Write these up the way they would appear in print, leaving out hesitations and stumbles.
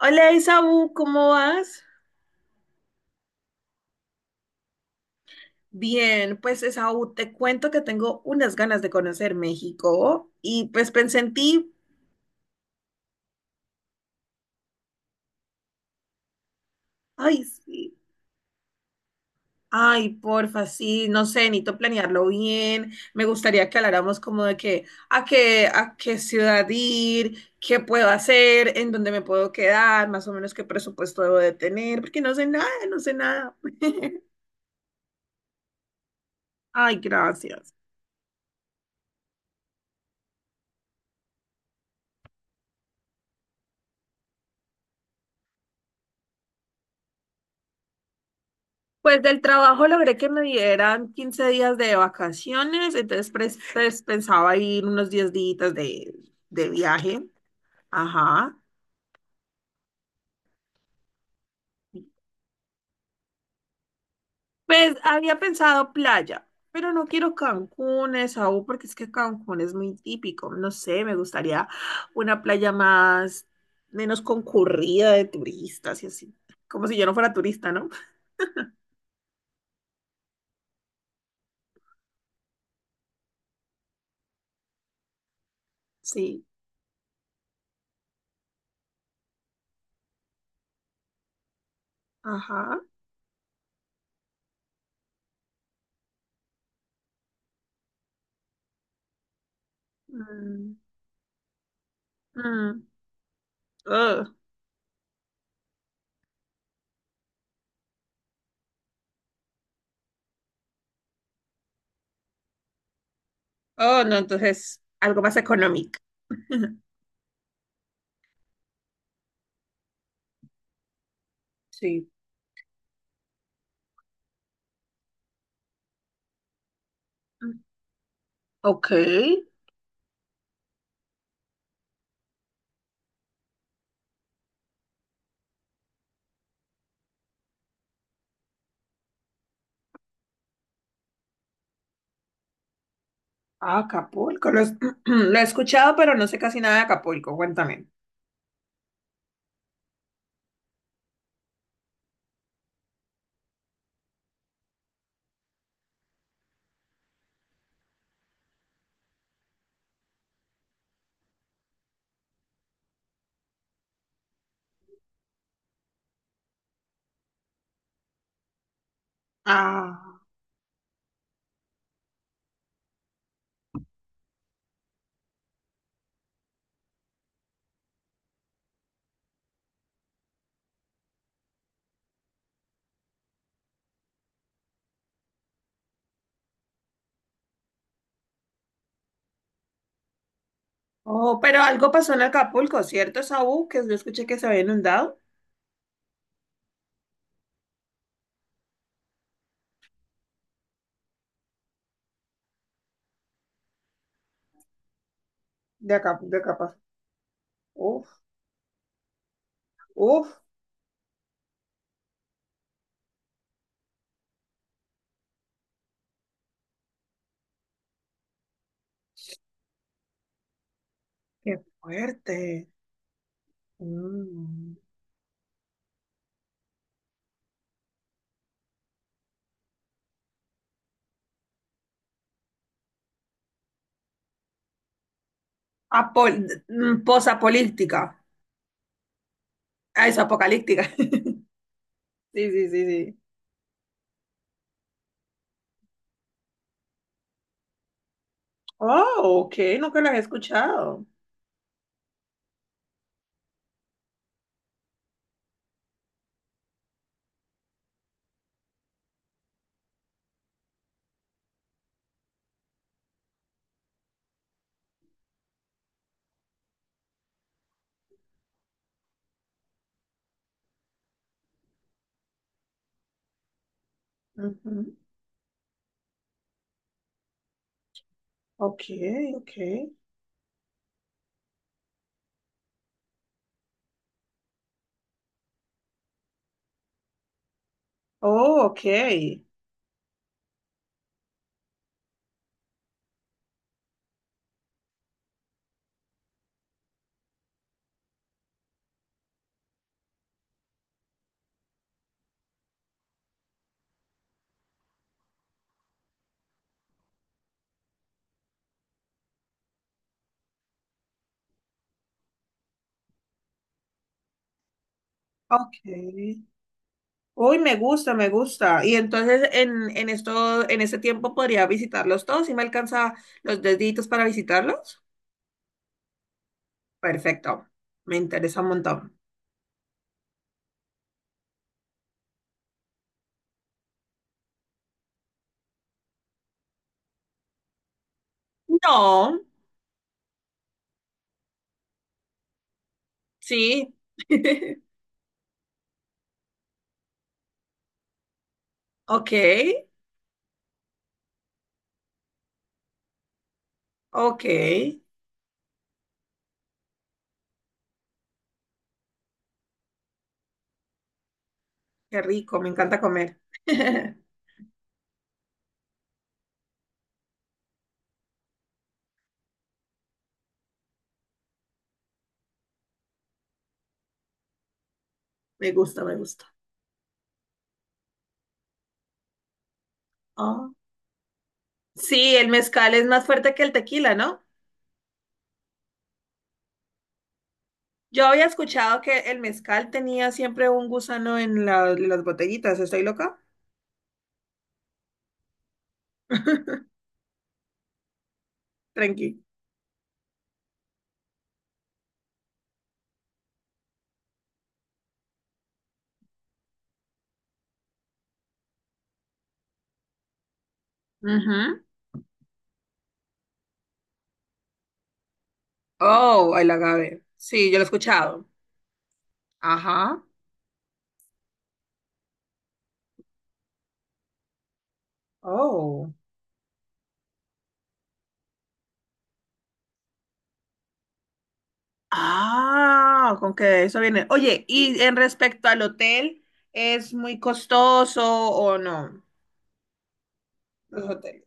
Hola Esaú, ¿cómo vas? Bien, pues Esaú, te cuento que tengo unas ganas de conocer México y pues pensé en ti, ay sí, ay porfa, sí, no sé, necesito planearlo bien, me gustaría que habláramos como de que a qué ciudad ir, qué puedo hacer, en dónde me puedo quedar, más o menos qué presupuesto debo de tener, porque no sé nada. Ay, gracias. Pues del trabajo logré que me dieran 15 días de vacaciones, entonces pues, pensaba ir unos 10 días de viaje. Ajá. Pues había pensado playa, pero no quiero Cancún, Esaú, porque es que Cancún es muy típico. No sé, me gustaría una playa más, menos concurrida de turistas y así. Como si yo no fuera turista, ¿no? Sí. Ajá. Mm, mm. Ugh. Oh, no, entonces algo más económico. Sí. Ok. Ah, Acapulco. Lo he escuchado, pero no sé casi nada de Acapulco. Cuéntame. Ah. Oh, pero algo pasó en Acapulco, ¿cierto, Saúl? Que yo escuché que se había inundado. De acá, de Acapulco. Uf, uf, qué fuerte. Mm. Apol posapolítica. Ah, es apocalíptica. Sí, sí, sí, sí. Oh, ok, nunca las he escuchado. Ujú. Ok, ok. Oh, ok. Ok. Uy, me gusta, me gusta. Y entonces en en ese tiempo podría visitarlos todos y me alcanza los deditos para visitarlos. Perfecto. Me interesa un montón. No, sí. Ok, ok. Qué rico, me encanta comer. Me gusta, me gusta. Ah. Sí, el mezcal es más fuerte que el tequila, ¿no? Yo había escuchado que el mezcal tenía siempre un gusano en las botellitas. ¿Estoy loca? Tranqui. Ujú. Oh, el agave. Sí, yo lo he escuchado. Ajá. Oh. Ah, con que eso viene. Oye, y en respecto al hotel, ¿es muy costoso o no? Los hoteles.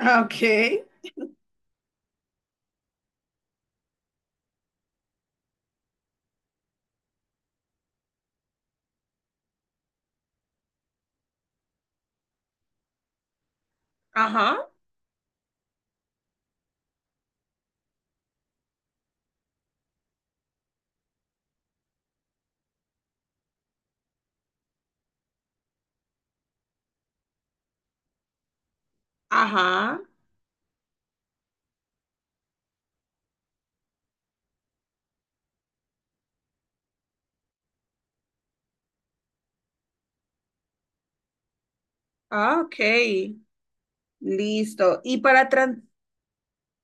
Ok. Ajá, ajá. Ah, ok. Listo.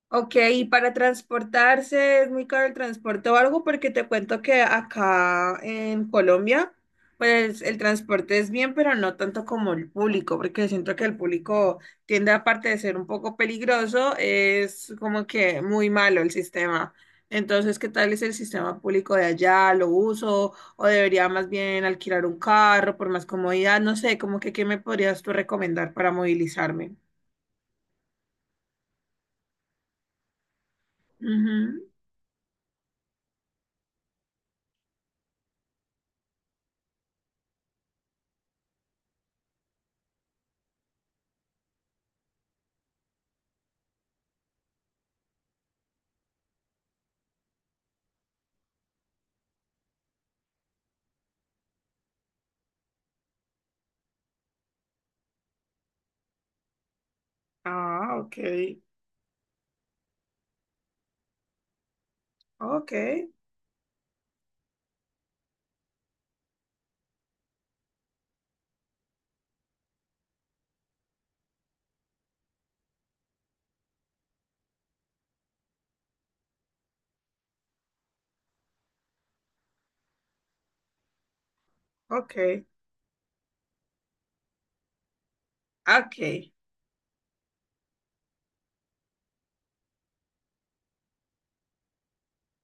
Ok, y para transportarse, ¿es muy caro el transporte o algo? Porque te cuento que acá en Colombia, pues el transporte es bien, pero no tanto como el público, porque siento que el público tiende, aparte de ser un poco peligroso, es como que muy malo el sistema. Entonces, ¿qué tal es el sistema público de allá? ¿Lo uso? ¿O debería más bien alquilar un carro por más comodidad? No sé, como que ¿qué me podrías tú recomendar para movilizarme? Ujú. Ah, ok. Okay, okay, okay,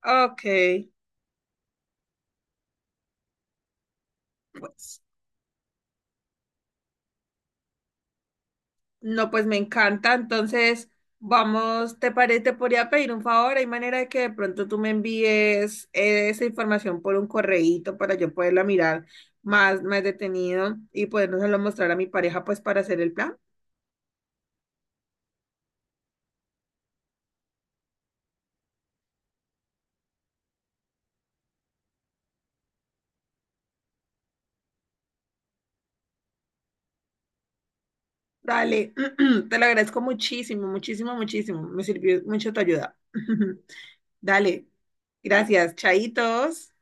okay. Pues, no, pues me encanta. Entonces, vamos, ¿te parece? Te podría pedir un favor. Hay manera de que de pronto tú me envíes esa información por un correíto para yo poderla mirar más, más detenido y podérselo mostrar a mi pareja, pues, para hacer el plan. Dale, te lo agradezco muchísimo, muchísimo, muchísimo. Me sirvió mucho tu ayuda. Dale, gracias, chaitos.